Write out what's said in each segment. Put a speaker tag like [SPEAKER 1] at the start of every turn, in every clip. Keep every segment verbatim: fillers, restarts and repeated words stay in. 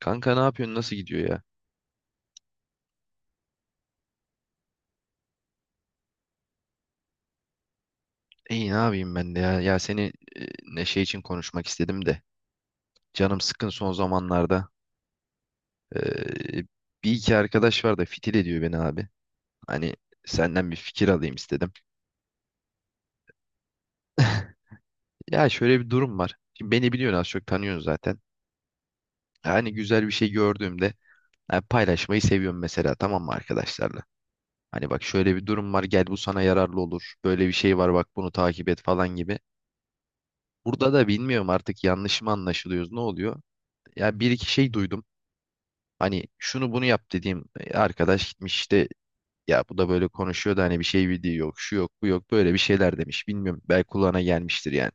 [SPEAKER 1] Kanka ne yapıyorsun? Nasıl gidiyor ya? İyi ne yapayım ben de ya. Ya seni e, Neşe için konuşmak istedim de. Canım sıkkın son zamanlarda. Ee, Bir iki arkadaş var da fitil ediyor beni abi. Hani senden bir fikir alayım istedim. Ya şöyle bir durum var. Şimdi beni biliyorsun, az çok tanıyorsun zaten. Hani güzel bir şey gördüğümde yani paylaşmayı seviyorum mesela, tamam mı arkadaşlarla? Hani bak şöyle bir durum var, gel bu sana yararlı olur. Böyle bir şey var bak, bunu takip et falan gibi. Burada da bilmiyorum artık, yanlış mı anlaşılıyoruz, ne oluyor? Ya bir iki şey duydum. Hani şunu bunu yap dediğim e, arkadaş gitmiş işte, ya bu da böyle konuşuyor da hani bir şey bildiği yok, şu yok, bu yok, böyle bir şeyler demiş. Bilmiyorum, belki kulağına gelmiştir yani.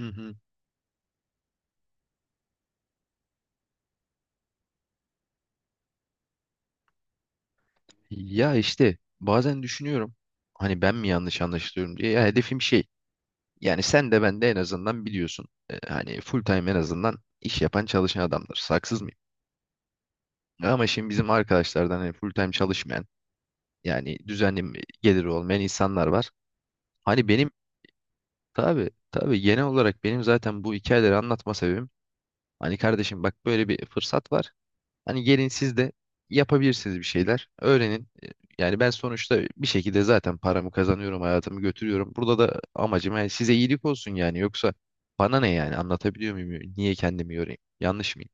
[SPEAKER 1] Hı hı. Ya işte bazen düşünüyorum hani ben mi yanlış anlaşılıyorum diye. Ya hedefim şey, yani sen de ben de en azından biliyorsun. E, hani full time en azından iş yapan, çalışan adamdır. Haksız mıyım? Ama şimdi bizim arkadaşlardan hani full time çalışmayan, yani düzenli geliri olmayan insanlar var. Hani benim, tabii tabii, genel olarak benim zaten bu hikayeleri anlatma sebebim, hani kardeşim bak böyle bir fırsat var. Hani gelin siz de yapabilirsiniz bir şeyler. Öğrenin. E, yani ben sonuçta bir şekilde zaten paramı kazanıyorum, hayatımı götürüyorum. Burada da amacım yani size iyilik olsun yani. Yoksa bana ne yani, anlatabiliyor muyum? Niye kendimi yorayım? Yanlış mıyım?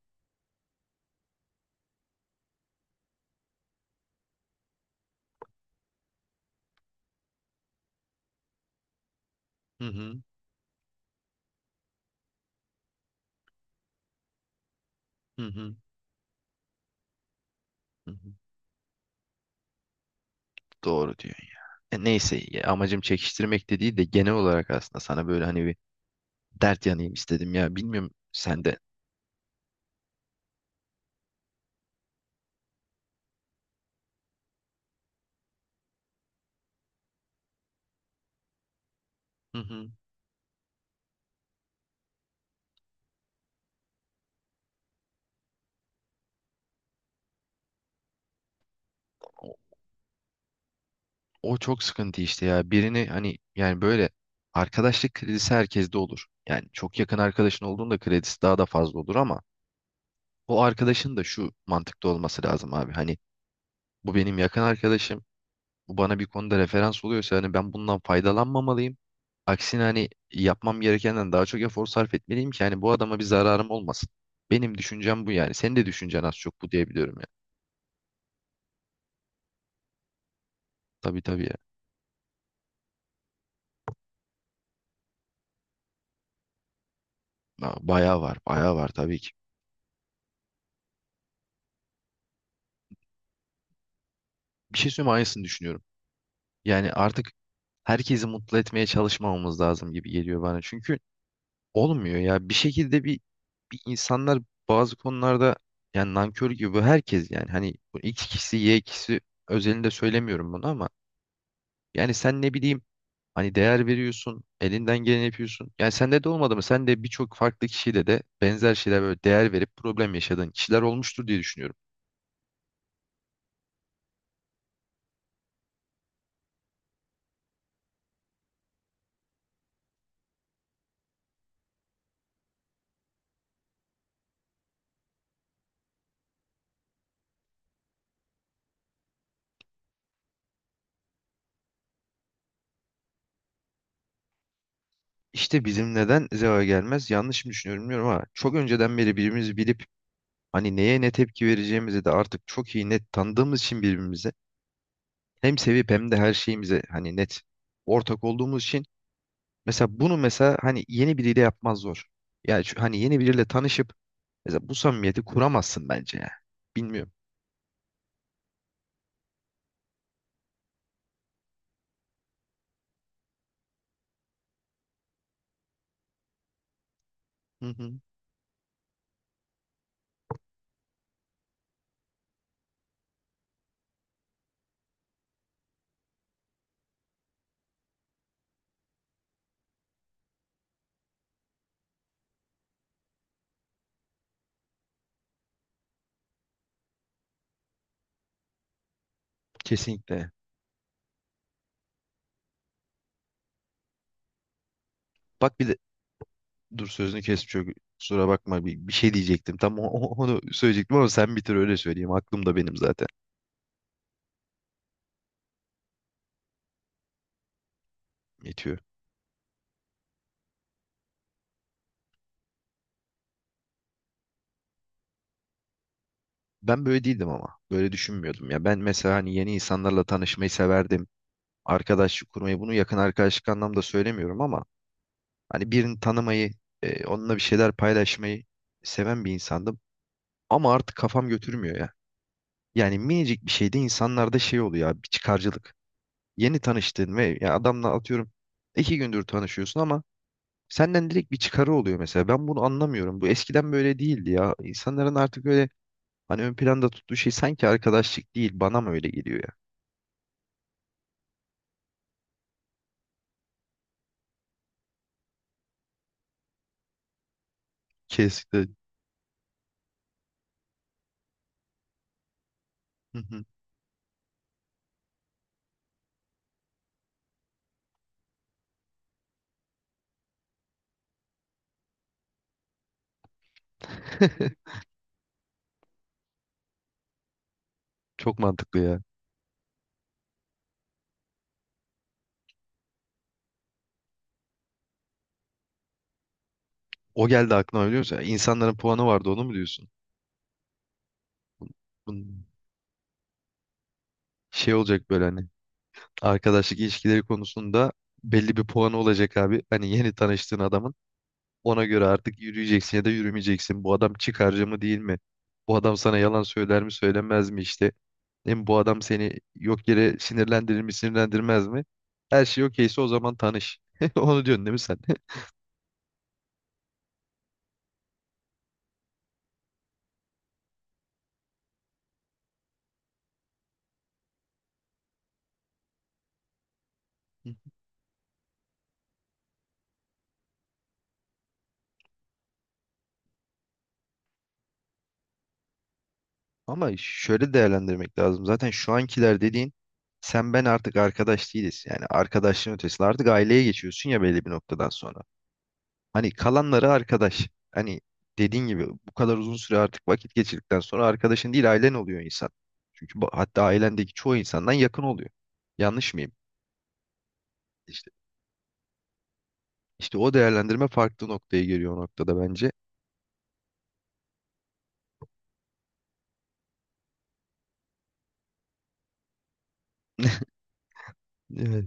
[SPEAKER 1] Hı hı, hı hı, hı hı. Doğru diyor. E neyse, ya amacım çekiştirmek de değil de genel olarak aslında sana böyle hani bir dert yanayım istedim ya. Bilmiyorum sen de. Hı hı. O çok sıkıntı işte ya. Birini hani yani böyle, arkadaşlık kredisi herkeste olur. Yani çok yakın arkadaşın olduğunda kredisi daha da fazla olur ama o arkadaşın da şu mantıkta olması lazım abi. Hani bu benim yakın arkadaşım. Bu bana bir konuda referans oluyorsa hani ben bundan faydalanmamalıyım. Aksine hani yapmam gerekenden daha çok efor sarf etmeliyim ki hani bu adama bir zararım olmasın. Benim düşüncem bu yani. Senin de düşüncen az çok bu diyebiliyorum ya. Tabii tabii ya. Ya bayağı var, bayağı var tabii ki. Bir şey söyleyeyim mi? Aynısını düşünüyorum. Yani artık herkesi mutlu etmeye çalışmamamız lazım gibi geliyor bana. Çünkü olmuyor ya. Bir şekilde bir, bir insanlar bazı konularda yani nankör gibi bu, herkes yani, hani bu X kişisi Y kişisi özelinde söylemiyorum bunu ama yani sen ne bileyim hani değer veriyorsun, elinden geleni yapıyorsun. Yani sende de olmadı mı? Sen de birçok farklı kişiyle de benzer şeyler, böyle değer verip problem yaşadığın kişiler olmuştur diye düşünüyorum. İşte bizim neden zeva gelmez, yanlış mı düşünüyorum bilmiyorum ama çok önceden beri birbirimizi bilip, hani neye ne tepki vereceğimizi de artık çok iyi net tanıdığımız için birbirimize, hem sevip hem de her şeyimize hani net ortak olduğumuz için, mesela bunu mesela hani yeni biriyle yapmaz zor. Yani şu- hani yeni biriyle tanışıp mesela bu samimiyeti kuramazsın bence ya. Bilmiyorum. Hı hı. Kesinlikle. Bak bir de, dur sözünü kesip, çok kusura bakma, bir, bir şey diyecektim. Tam o- o- onu söyleyecektim ama sen bitir öyle söyleyeyim. Aklımda benim zaten yetiyor. Ben böyle değildim ama. Böyle düşünmüyordum ya. Ben mesela hani yeni insanlarla tanışmayı severdim. Arkadaşlık kurmayı, bunu yakın arkadaşlık anlamda söylemiyorum ama hani birini tanımayı, e, onunla bir şeyler paylaşmayı seven bir insandım ama artık kafam götürmüyor ya. Yani minicik bir şeyde insanlarda şey oluyor abi, bir çıkarcılık. Yeni tanıştığın ve ya adamla, atıyorum iki gündür tanışıyorsun ama senden direkt bir çıkarı oluyor mesela. Ben bunu anlamıyorum. Bu eskiden böyle değildi ya. İnsanların artık öyle hani ön planda tuttuğu şey sanki arkadaşlık değil. Bana mı öyle geliyor ya? Kesinlikle. Hı hı. Çok mantıklı ya. O geldi aklına, biliyor musun? İnsanların puanı vardı, onu mu diyorsun? Bunun şey olacak, böyle hani arkadaşlık ilişkileri konusunda belli bir puanı olacak abi. Hani yeni tanıştığın adamın ona göre artık yürüyeceksin ya da yürümeyeceksin. Bu adam çıkarcı mı değil mi? Bu adam sana yalan söyler mi söylemez mi işte? Değil mi? Bu adam seni yok yere sinirlendirir mi sinirlendirmez mi? Her şey okeyse o zaman tanış. Onu diyorsun değil mi sen? Ama şöyle değerlendirmek lazım. Zaten şu ankiler dediğin, sen ben artık arkadaş değiliz. Yani arkadaşlığın ötesinde artık aileye geçiyorsun ya belli bir noktadan sonra. Hani kalanları arkadaş. Hani dediğin gibi bu kadar uzun süre artık vakit geçirdikten sonra arkadaşın değil ailen oluyor insan. Çünkü bu, hatta ailendeki çoğu insandan yakın oluyor. Yanlış mıyım? İşte, işte o değerlendirme farklı noktaya geliyor o noktada bence. Evet.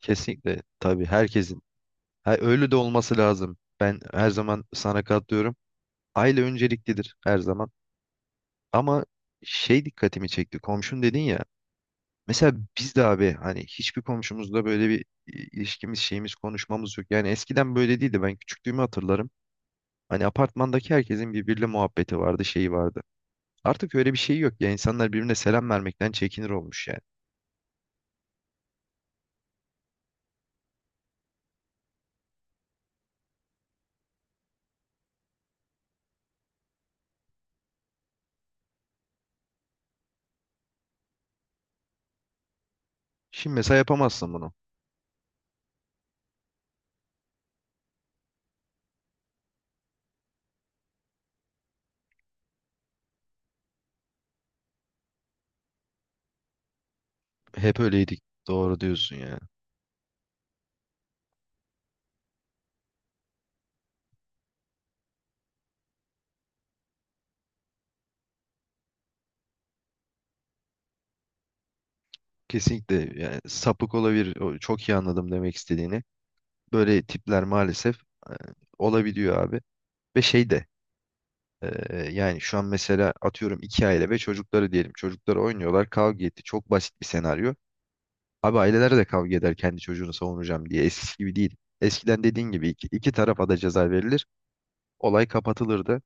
[SPEAKER 1] Kesinlikle tabii herkesin. Ha, öyle de olması lazım. Ben her zaman sana katılıyorum. Aile önceliklidir her zaman. Ama şey dikkatimi çekti. Komşun dedin ya. Mesela biz de abi hani hiçbir komşumuzla böyle bir i- ilişkimiz, şeyimiz, konuşmamız yok. Yani eskiden böyle değildi. Ben küçüklüğümü hatırlarım. Hani apartmandaki herkesin birbiriyle muhabbeti vardı, şeyi vardı. Artık öyle bir şey yok ya. İnsanlar birbirine selam vermekten çekinir olmuş yani. Şimdi mesela yapamazsın bunu. Hep öyleydik. Doğru diyorsun ya. Kesinlikle, yani sapık olabilir. O- Çok iyi anladım demek istediğini. Böyle tipler maalesef, e, olabiliyor abi. Ve şey de, e, yani şu an mesela atıyorum iki aile ve çocukları diyelim. Çocukları oynuyorlar, kavga etti. Çok basit bir senaryo. Abi aileler de kavga eder, kendi çocuğunu savunacağım diye. Eskisi gibi değil. Eskiden dediğin gibi iki, iki tarafa da ceza verilir. Olay kapatılırdı.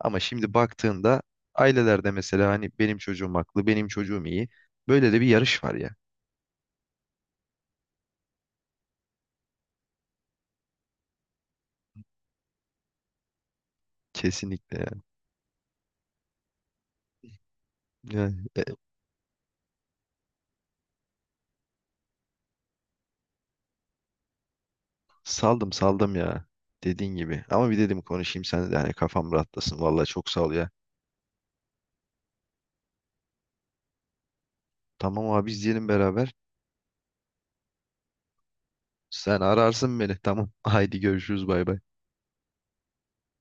[SPEAKER 1] Ama şimdi baktığında ailelerde mesela hani benim çocuğum haklı, benim çocuğum iyi. Böyle de bir yarış var ya. Kesinlikle ya. Yani, e, saldım saldım ya. Dediğin gibi. Ama bir dedim konuşayım sen de, hani kafam rahatlasın. Vallahi çok sağ ol ya. Tamam abi, izleyelim beraber. Sen ararsın beni. Tamam. Haydi görüşürüz, bay bay.